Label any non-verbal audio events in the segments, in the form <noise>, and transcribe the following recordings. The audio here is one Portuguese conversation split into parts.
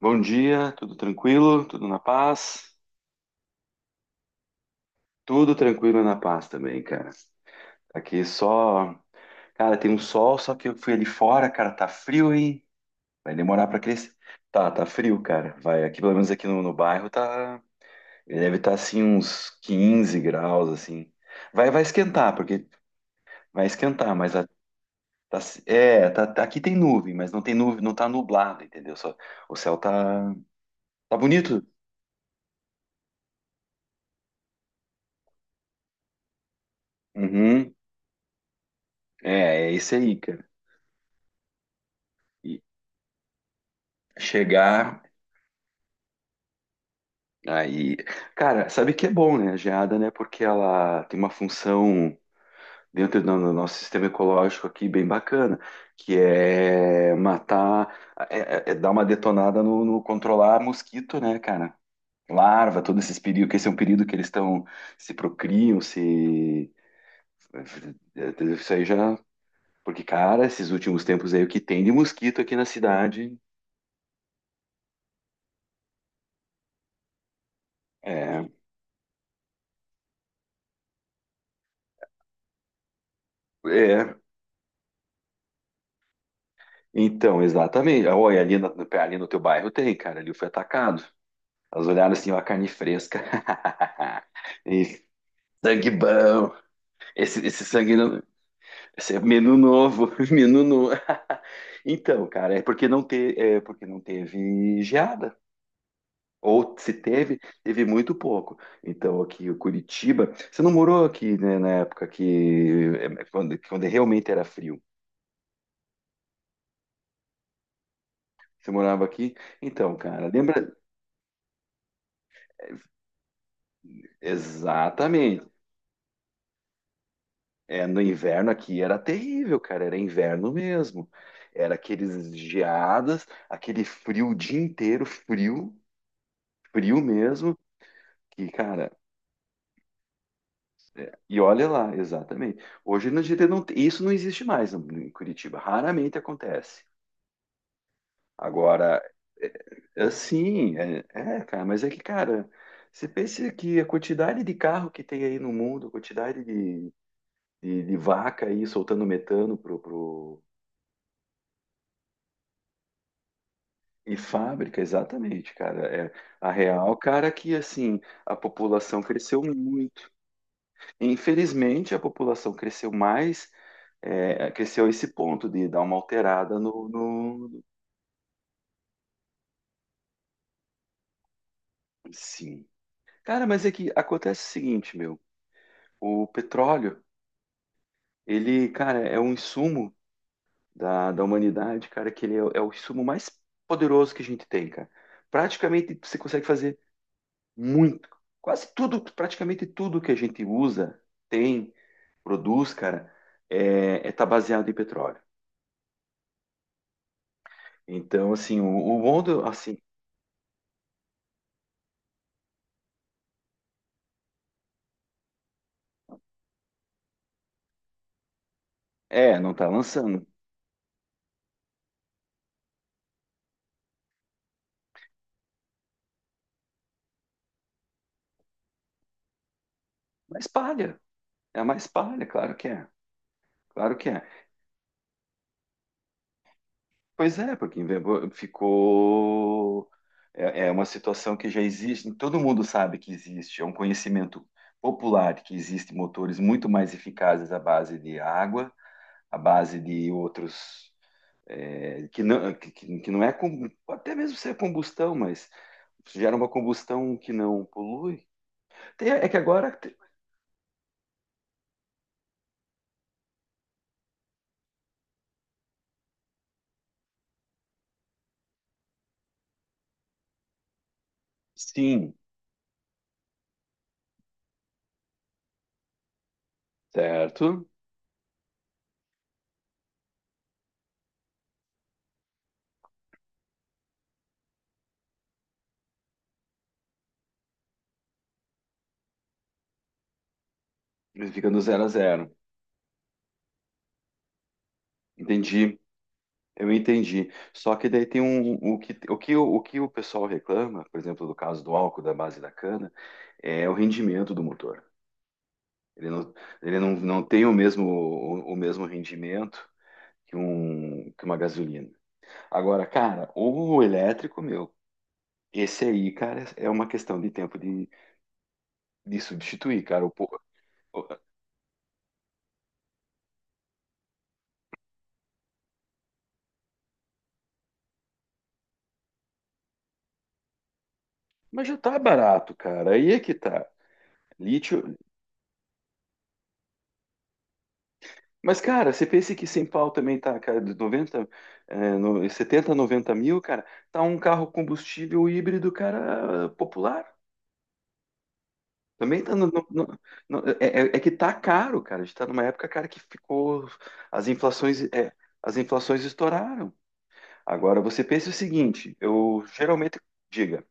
Bom dia, tudo tranquilo? Tudo na paz? Tudo tranquilo e na paz também, cara. Aqui só. Cara, tem um sol, só que eu fui ali fora, cara, tá frio, hein? Vai demorar pra crescer. Tá, tá frio, cara. Vai, aqui pelo menos aqui no bairro tá. Ele deve estar assim uns 15 graus, assim. Vai, vai esquentar, porque vai esquentar, mas tá, tá, aqui tem nuvem, mas não tem nuvem, não tá nublado, entendeu? Só, o céu tá, tá bonito. Uhum. É isso aí, cara. Chegar aí. Cara, sabe que é bom, né? A geada, né? Porque ela tem uma função dentro do nosso sistema ecológico aqui bem bacana, que é matar, é dar uma detonada no controlar mosquito, né, cara? Larva, todo esse período, que esse é um período que eles estão se procriam, se. Isso aí já. Porque, cara, esses últimos tempos aí, o que tem de mosquito aqui na cidade. É, é. Então, exatamente. Olha, ali no teu bairro tem, cara. Ali foi atacado. Elas olharam assim, ó, a carne fresca. <laughs> E sangue bom. Esse sangue não. Esse é menu novo. <laughs> Menu novo. <laughs> Então, cara, é porque é porque não teve geada. Ou se teve, teve muito pouco. Então, aqui o Curitiba. Você não morou aqui, né, na época que. Quando, quando realmente era frio. Você morava aqui? Então, cara, lembra? Exatamente. É, no inverno aqui era terrível, cara, era inverno mesmo. Era aqueles geadas, aquele frio o dia inteiro, frio, frio mesmo. E, cara, e olha lá, exatamente. Hoje na gente não, isso não existe mais em Curitiba, raramente acontece. Agora, cara, você pensa que a quantidade de carro que tem aí no mundo, a quantidade de vaca aí soltando metano pro, E fábrica, exatamente, cara. É a real, cara, que assim, a população cresceu muito. Infelizmente, a população cresceu mais, é, cresceu a esse ponto de dar uma alterada no, no... Sim. Cara, mas é que acontece o seguinte, meu. O petróleo, ele, cara, é um insumo da humanidade, cara, que ele é o insumo mais poderoso que a gente tem, cara. Praticamente você consegue fazer muito. Quase tudo, praticamente tudo que a gente usa tem produz, cara, tá baseado em petróleo. Então, assim, o mundo, assim, é, não tá lançando, mas palha, é mais palha, claro que é, claro que é. Pois é, porque ficou, é uma situação que já existe, todo mundo sabe que existe, é um conhecimento popular que existem motores muito mais eficazes à base de água, à base de outros é, que, não, que, que não é até mesmo se é combustão, mas gera uma combustão que não polui. Tem- é que agora sim, certo? Ele fica no zero a zero. Entendi. Eu entendi. Só que daí tem um o que o pessoal reclama, por exemplo, do caso do álcool da base da cana, é o rendimento do motor. Ele não, ele não, não tem o mesmo o mesmo rendimento que um que uma gasolina. Agora, cara, o elétrico, meu, esse aí, cara, é uma questão de tempo de substituir, cara. O- mas já tá barato, cara. Aí é que tá. Lítio. Mas, cara, você pensa que sem pau também tá, cara, de 90, é, no, 70, 90 mil, cara, tá um carro combustível híbrido, cara, popular. Também tá é que tá caro, cara. A gente tá numa época, cara, que ficou. As inflações, é, as inflações estouraram. Agora, você pensa o seguinte, eu geralmente. Diga.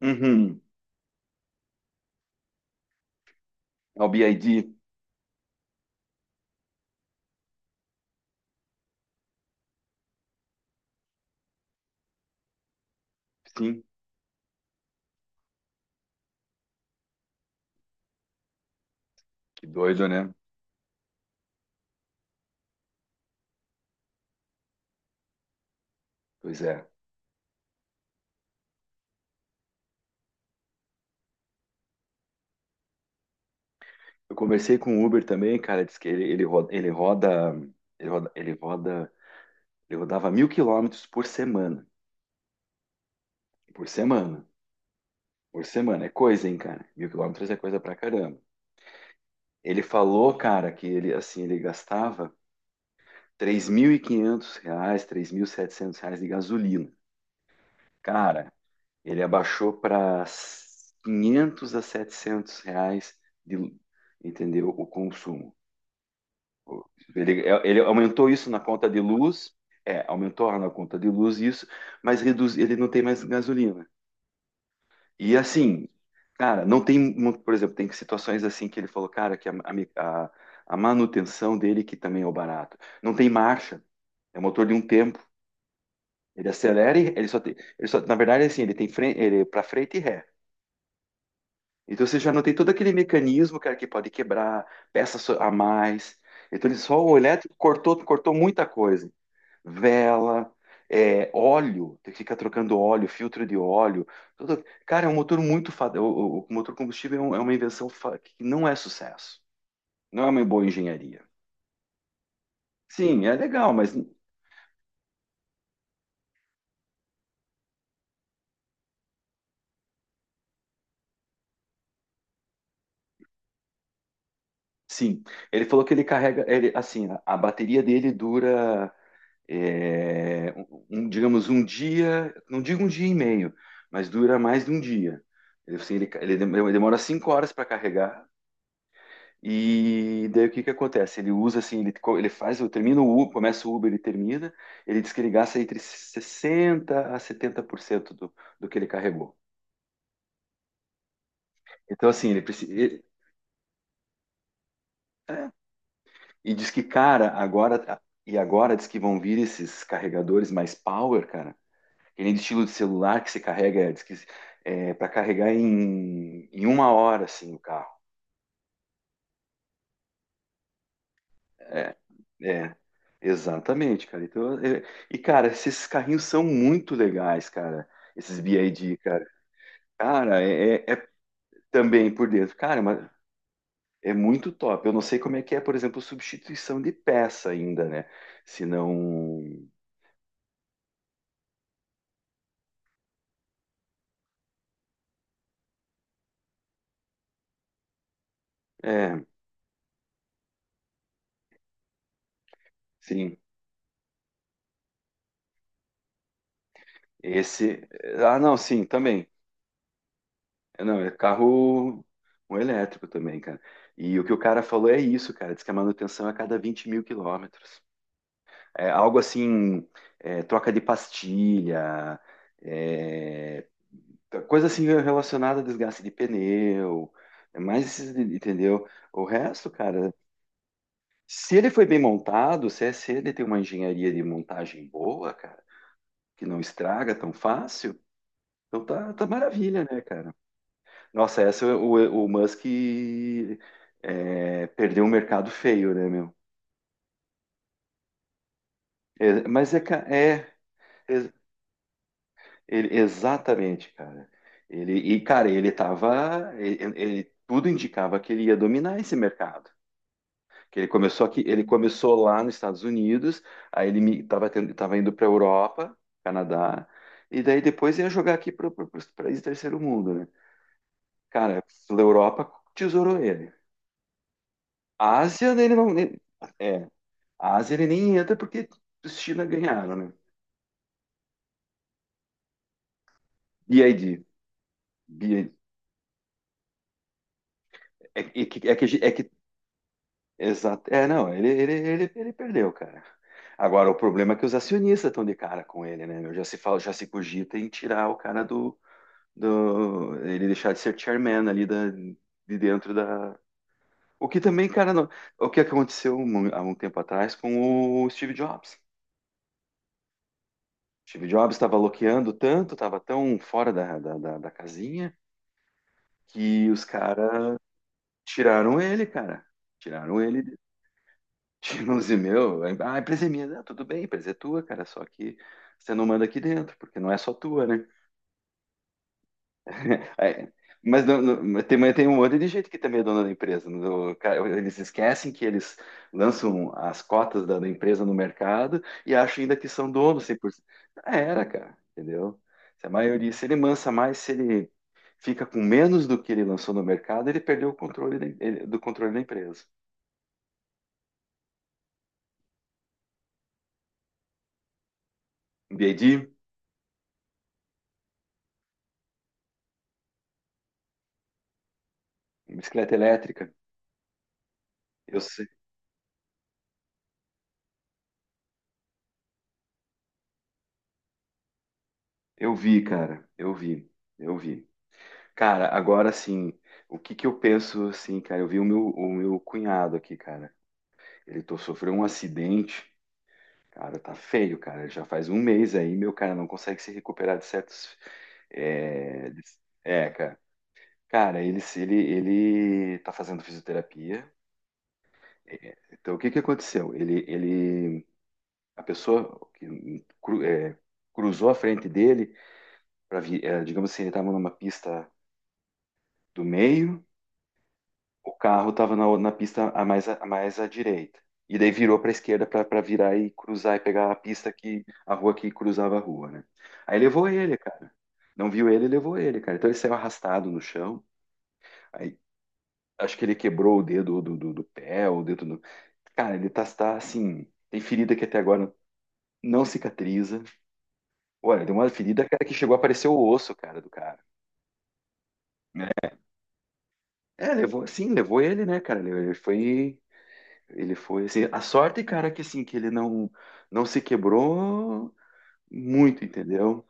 Uhum. Ao BID. Sim, que doido, né? Pois é. Eu conversei com o Uber também, cara, disse que ele, ele roda, ele roda, ele rodava 1.000 quilômetros por semana. Por semana. Por semana. É coisa, hein, cara? Mil quilômetros é coisa pra caramba. Ele falou, cara, que ele, assim, ele gastava R$ 3.700 de gasolina. Cara, ele abaixou para R$ 500 a R$ 700 de, entendeu, o consumo. Ele aumentou isso na conta de luz, aumentou na conta de luz isso, mas reduz, ele não tem mais gasolina. E assim, cara, não tem, por exemplo, tem situações assim que ele falou, cara, a- a manutenção dele que também é o barato. Não tem marcha, é motor de um tempo. Ele acelera e ele só tem, ele só, na verdade, assim, ele tem frente, ele para frente e ré. Então você já não tem todo aquele mecanismo, cara, que pode quebrar, peças a mais. Então ele só o elétrico cortou, cortou muita coisa. Vela, é, óleo, tem que ficar trocando óleo, filtro de óleo. Cara, é um motor muito. O motor combustível é uma invenção que não é sucesso. Não é uma boa engenharia. Sim, é legal, mas sim. Ele falou que ele carrega. Ele, assim, a bateria dele dura. Um, digamos, um dia. Não digo um dia e meio, mas dura mais de um dia. Ele, assim, ele, ele demora 5 horas para carregar. E daí o que que acontece? Ele usa assim, ele faz, eu termino o Uber, começa o Uber, ele termina, ele diz que ele gasta entre 60 a 70% do que ele carregou. Então assim, ele precisa e diz que cara, agora diz que vão vir esses carregadores mais power, cara. Que nem de estilo de celular que se carrega, diz que é para carregar em uma hora assim o carro. É, é, exatamente, cara. E, cara, esses carrinhos são muito legais, cara. Esses BID, cara. Cara, é também por dentro. Cara, mas é muito top. Eu não sei como é que é, por exemplo, substituição de peça ainda, né? Se não. É, sim. Esse. Ah, não, sim, também. É, não, é carro um elétrico também, cara. E o que o cara falou é isso, cara. Diz que a manutenção é a cada 20.000 quilômetros. É algo assim, é, troca de pastilha, é, coisa assim relacionada a desgaste de pneu, é mais esses, entendeu? O resto, cara, se ele foi bem montado, se ele tem uma engenharia de montagem boa, cara, que não estraga tão fácil, então tá, tá maravilha, né, cara? Nossa, essa é o Musk é, perdeu um mercado feio, né, meu? É, mas é, ca- é, é, Ele, exatamente, cara. Ele, e, cara, ele tava. Tudo indicava que ele ia dominar esse mercado. Que ele começou aqui, ele começou lá nos Estados Unidos, aí ele mi- tava, tendo- tava indo para a Europa, Canadá, e daí depois ia jogar aqui para os países do terceiro mundo, né? Cara, a Europa tesourou ele. A Ásia, ele não. nem- é, a Ásia ele nem entra porque os China ganharam, né? BID. BID. É, é que a gente- é que Exato. É, não, ele perdeu, cara. Agora, o problema é que os acionistas estão de cara com ele, né, meu? Já se fala, já se cogita em tirar o cara do, ele deixar de ser chairman ali da, de dentro da. O que também, cara, o que aconteceu há um tempo atrás com o Steve Jobs. Steve Jobs estava loqueando tanto, estava tão fora da casinha que os caras tiraram ele, cara. Tiraram ele. Tinha um e meu, ah, a empresa é minha, não, tudo bem, a empresa é tua, cara, só que você não manda aqui dentro, porque não é só tua, né? <laughs> Aí, mas tem um monte de gente que também é dona da empresa. Cara, eles esquecem que eles lançam as cotas da empresa no mercado e acham ainda que são donos 100%. Já era, cara, entendeu? Se a maioria, se ele mansa mais, se ele fica com menos do que ele lançou no mercado, ele perdeu o controle do controle da empresa. BD, bicicleta elétrica. Eu, Eu vi, cara, eu vi. Cara, agora sim, o que que eu penso assim, cara? Eu vi o meu cunhado aqui, cara. Sofreu um acidente, cara, tá feio, cara. Já faz um mês aí, meu cara, não consegue se recuperar de certos. É, de- cara. Cara, ele, se- ele tá fazendo fisioterapia. É, então, o que que aconteceu? A pessoa cruzou a frente dele, digamos assim, ele estava numa pista do meio. O carro estava na, na pista a mais à direita. E daí virou para a esquerda para virar e cruzar e pegar a pista que a rua que cruzava a rua, né? Aí levou ele, cara. Não viu ele, levou ele, cara. Então ele saiu arrastado no chão. Aí acho que ele quebrou o dedo do pé, o dedo do. Cara, ele tá, tá assim. Tem ferida que até agora não cicatriza. Olha, deu uma ferida, cara, que chegou a aparecer o osso, cara, do cara. Né? É, levou, sim, levou ele, né, cara? Ele ele foi. Ele foi assim, a sorte, cara, que assim, que ele não não se quebrou muito, entendeu?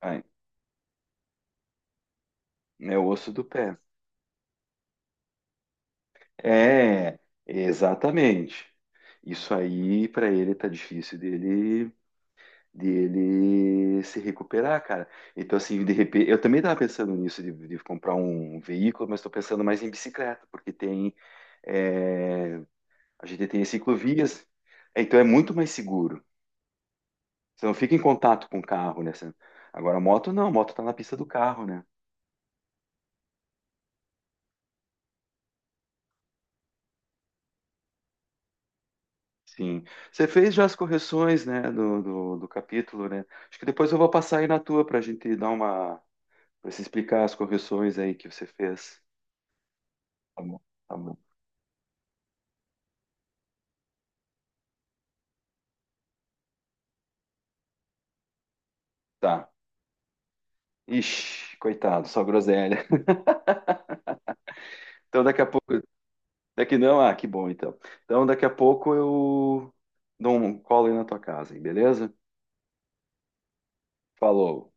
Ai, é o osso do pé. É, exatamente. Isso aí pra ele tá difícil dele se recuperar, cara. Então assim, de repente, eu também tava pensando nisso de comprar um veículo, mas tô pensando mais em bicicleta, porque tem é, a gente tem as ciclovias, então é muito mais seguro. Você não fica em contato com o carro, né? Você- Agora, a moto não, a moto está na pista do carro, né? Sim. Você fez já as correções, né, do capítulo, né? Acho que depois eu vou passar aí na tua para a gente dar uma. Para você explicar as correções aí que você fez. Tá bom, tá bom. Tá. Ixi, coitado, só groselha. <laughs> Então daqui a pouco. Daqui não, ah, que bom então. Então daqui a pouco eu dou um colo aí na tua casa, hein, beleza? Falou.